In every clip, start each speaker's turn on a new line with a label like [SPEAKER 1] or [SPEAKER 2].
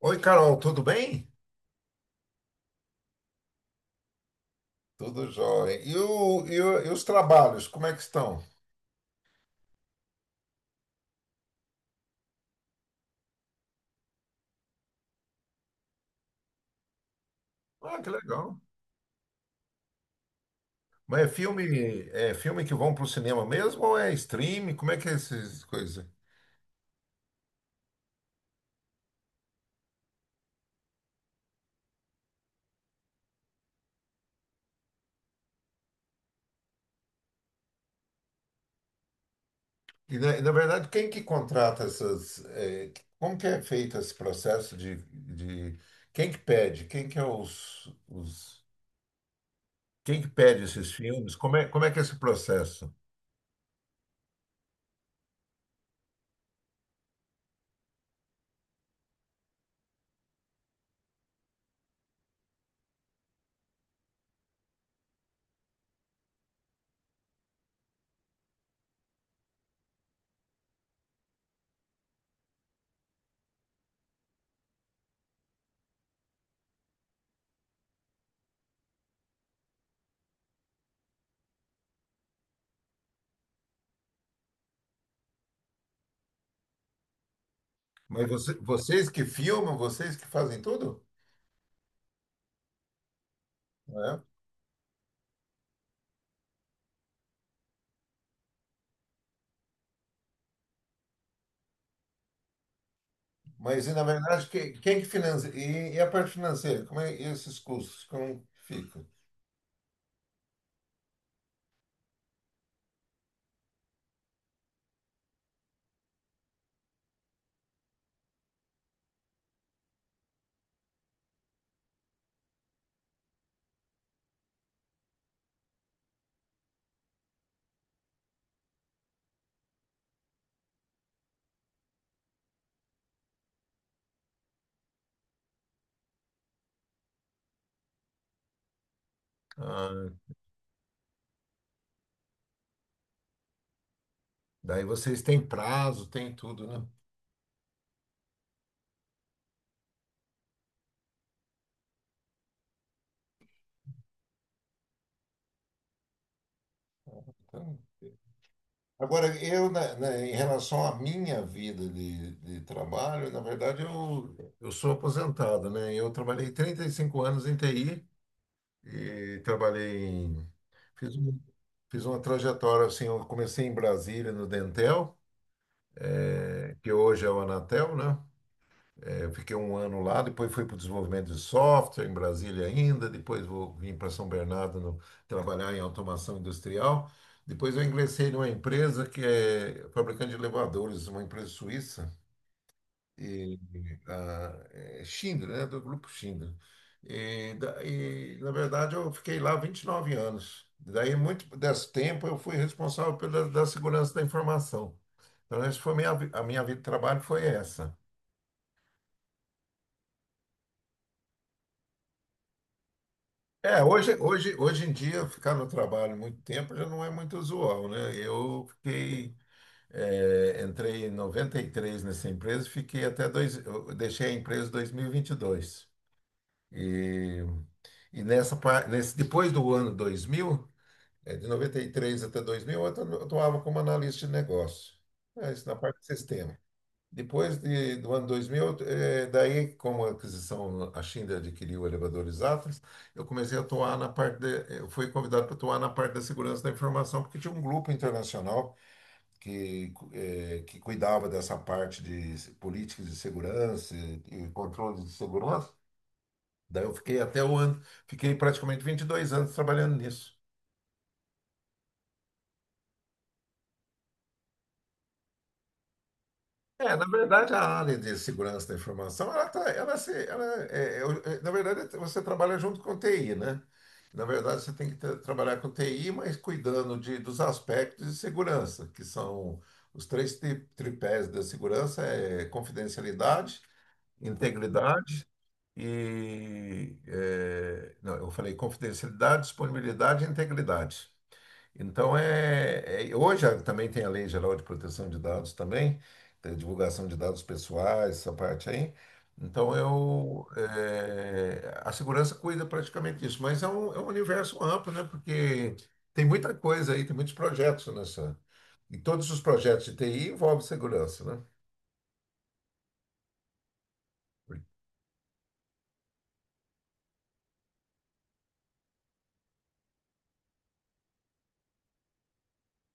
[SPEAKER 1] Oi, Carol, tudo bem? Tudo jóia. E, e os trabalhos, como é que estão? Ah, que legal. Mas é filme que vão para o cinema mesmo ou é streaming? Como é que é essas coisas? Na verdade, quem que contrata essas. Como que é feito esse processo de. Quem que pede? Quem que é os. Quem que pede esses filmes? Como é que é esse processo? Mas vocês que filmam, vocês que fazem tudo? Na verdade, quem que financia? E a parte financeira? Como é e esses custos? Como que fica? Ah, daí vocês têm prazo, tem tudo, né? Então, agora, em relação à minha vida de trabalho, na verdade, eu sou aposentado, né? Eu trabalhei 35 anos em TI e trabalhei em... Fiz, um- Fiz uma trajetória, assim, eu comecei em Brasília, no Dentel, que hoje é o Anatel, né? Eu fiquei um ano lá, depois fui para o desenvolvimento de software em Brasília ainda, depois vou vim para São Bernardo. Trabalhar em automação industrial. Depois eu ingressei numa empresa que é fabricante de elevadores, uma empresa suíça, e, ah, é Schindler, né, do grupo Schindler. E, na verdade, eu fiquei lá 29 anos. Daí, muito desse tempo, eu fui responsável pela da segurança da informação. Então, essa foi a minha vida de trabalho foi essa. É, hoje em dia, ficar no trabalho muito tempo já não é muito usual, né? Eu fiquei, entrei em 93 nessa empresa, fiquei até eu deixei a empresa em dois mil e vinte e dois. E depois do ano 2000, de 93 até 2000, eu atuava como analista de negócio, mas na parte de sistema. Depois do ano 2000, daí, como a aquisição, a Schindler adquiriu elevadores Atlas, eu comecei a atuar eu fui convidado para atuar na parte da segurança da informação, porque tinha um grupo internacional que, que cuidava dessa parte de políticas de segurança e controle de segurança. Daí eu fiquei até fiquei praticamente 22 anos trabalhando nisso. É, na verdade, a área de segurança da informação, ela tá, ela se, ela é, é, eu- é, na verdade, você trabalha junto com TI, né? Na verdade, você tem que trabalhar com TI, mas cuidando dos aspectos de segurança, que são os três tripés da segurança, é confidencialidade, integridade e... é, não, eu falei confidencialidade, disponibilidade e integridade. Então, hoje também tem a Lei Geral de Proteção de Dados também, tem a divulgação de dados pessoais, essa parte aí. Então, a segurança cuida praticamente disso, mas é um universo amplo, né? Porque tem muita coisa aí, tem muitos projetos nessa. E todos os projetos de TI envolvem segurança, né?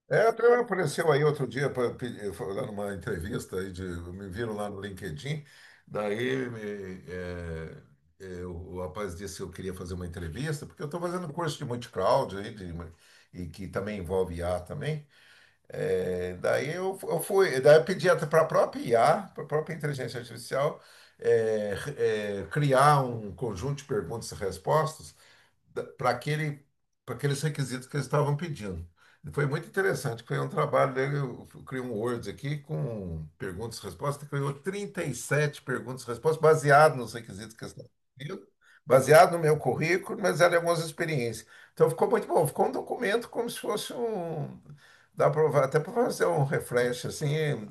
[SPEAKER 1] É, até apareceu aí outro dia foi lá numa entrevista aí de, me viram lá no LinkedIn, daí me, é, é, o rapaz disse que eu queria fazer uma entrevista, porque eu estou fazendo curso de multi-cloud e que também envolve IA também. É, eu fui, daí eu pedi até para a própria IA, para a própria inteligência artificial, criar um conjunto de perguntas e respostas para aquele, para aqueles requisitos que eles estavam pedindo. E foi muito interessante. Foi um trabalho dele. Eu criei um Word aqui com perguntas e respostas. Criou 37 perguntas e respostas, baseado nos requisitos que eles estavam pedindo, baseado no meu currículo, mas eram algumas experiências. Então ficou muito bom. Ficou um documento como se fosse um. Dá até para fazer um refresh, assim.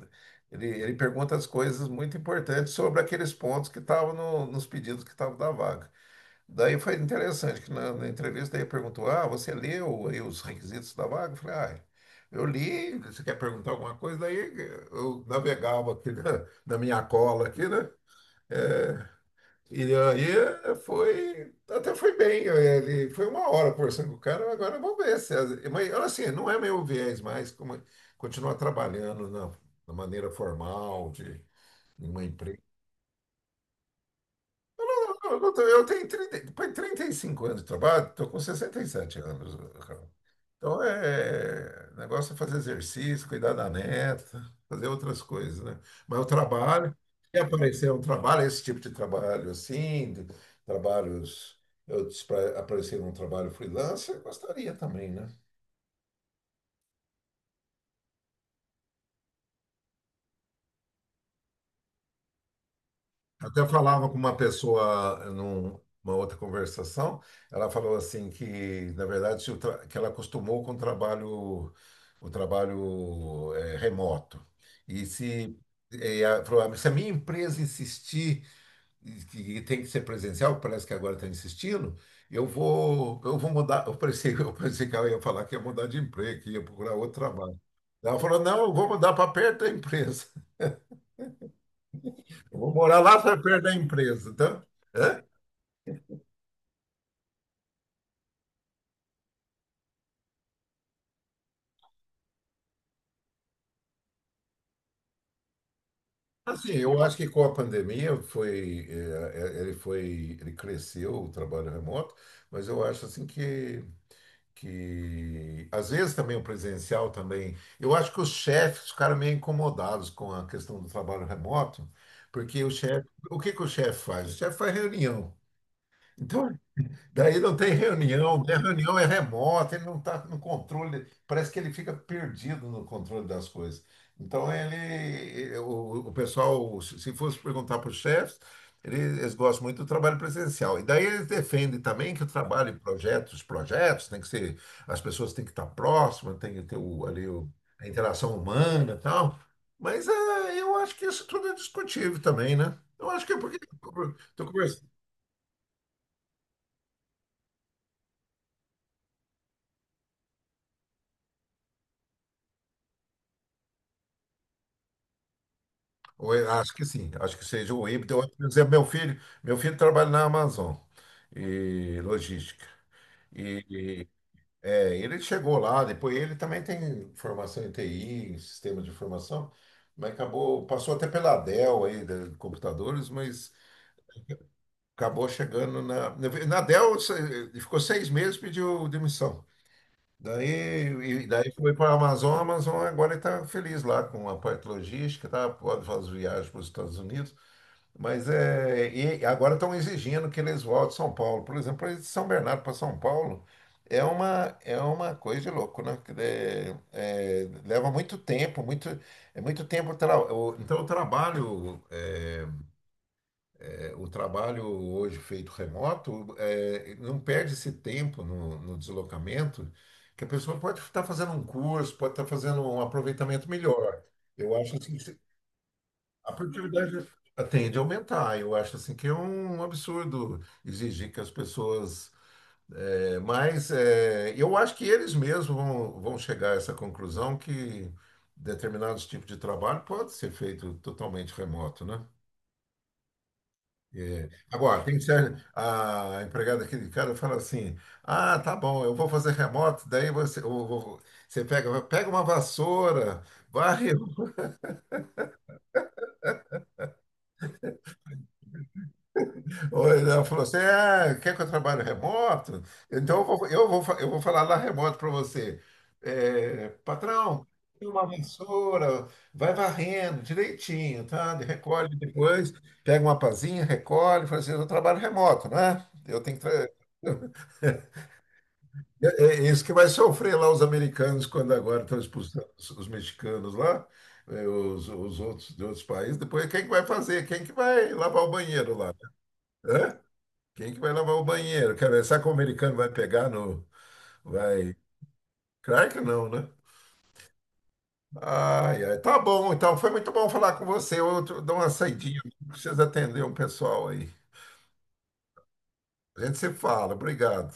[SPEAKER 1] Ele pergunta as coisas muito importantes sobre aqueles pontos que estavam nos pedidos que estavam da vaga. Daí foi interessante que na entrevista ele perguntou: Ah, você leu aí os requisitos da vaga? Eu falei: Ah, eu li. Você quer perguntar alguma coisa? Daí eu navegava aqui na minha cola aqui, né? É, e aí foi, até foi bem. Ele foi uma hora conversando com o cara. Agora vamos ver se, mas olha assim, não é meu viés mais, como continuar trabalhando na maneira formal de em uma empresa. Eu tenho 30 depois de 35 anos de trabalho, estou com 67 anos, cara. Então, é, o negócio é fazer exercício, cuidar da neta, fazer outras coisas, né? Mas o trabalho, se aparecer um trabalho, esse tipo de trabalho assim, de trabalhos, eu, se pra- aparecer um trabalho freelancer, eu gostaria também, né? Eu até falava com uma pessoa numa outra conversação, ela falou assim que, na verdade, se o tra- que ela acostumou com o trabalho remoto. E se ela falou, "Ah, se a minha empresa insistir e que tem que ser presencial, parece que agora está insistindo, eu vou mudar. Eu pensei, eu pensei que ela ia falar que ia mudar de emprego, que ia procurar outro trabalho. Ela falou, não, eu vou mudar para perto da empresa. Eu vou morar lá para perto da empresa. Então, assim, eu acho que com a pandemia foi, eh, ele foi, ele cresceu o trabalho remoto, mas eu acho assim que às vezes também o presencial também, eu acho que os chefes ficaram meio incomodados com a questão do trabalho remoto, porque o chefe, o que que o chefe faz? O chefe faz reunião. Então, daí não tem reunião, né? A reunião é remota, ele não está no controle, parece que ele fica perdido no controle das coisas. Então, o pessoal, se fosse perguntar para os chefes, eles gostam muito do trabalho presencial. E daí eles defendem também que o trabalho em projetos, tem que ser, as pessoas têm que estar próximas, tem que ter a interação humana e tal. Mas eu acho que isso tudo é discutível também, né? Eu acho que é porque estou acho que sim, acho que seja o híbrido. Por exemplo, meu filho trabalha na Amazon e logística. E é, ele chegou lá, depois ele também tem formação em TI, em sistema de informação, mas acabou, passou até pela Dell aí, de computadores, mas acabou chegando na. Na Dell ele ficou seis meses, pediu demissão. Daí, e daí foi para a Amazon agora está feliz lá com a parte logística, tá? Pode fazer viagens para os Estados Unidos. Mas é, e agora estão exigindo que eles voltem a São Paulo. Por exemplo, eles de São Bernardo para São Paulo é uma coisa de louco, né? Que é, leva muito tempo, muito, é muito tempo. Então, o trabalho, o trabalho hoje feito remoto, é, não perde esse tempo no deslocamento, que a pessoa pode estar fazendo um curso, pode estar fazendo um aproveitamento melhor. Eu acho assim, a produtividade tende a aumentar. Eu acho assim que é um absurdo exigir que as pessoas. É, mas é, eu acho que eles mesmos vão, vão chegar a essa conclusão que determinados tipos de trabalho pode ser feito totalmente remoto, né? É, agora, tem que a empregada aqui de cara fala assim: Ah, tá bom, eu vou fazer remoto, daí você, você pega, pega uma vassoura, varre Ou ela falou assim: ah, quer que eu trabalhe remoto? Então eu vou falar lá remoto para você. É, patrão, tem uma vassoura, vai varrendo direitinho, tá? Recolhe depois, pega uma pazinha, recolhe. Fala assim: eu trabalho remoto, né? Eu tenho que. É, é isso que vai sofrer lá os americanos quando agora estão expulsando os mexicanos lá, é, os outros de outros países. Depois, quem que vai fazer? Quem que vai lavar o banheiro lá? Né? Quem que vai lavar o banheiro? Quer ver? Será que o americano vai pegar no. Vai. Claro que não, né? Ai, ai. Tá bom, então. Foi muito bom falar com você. Eu dou uma saidinha. Preciso atender um pessoal aí. A gente se fala. Obrigado.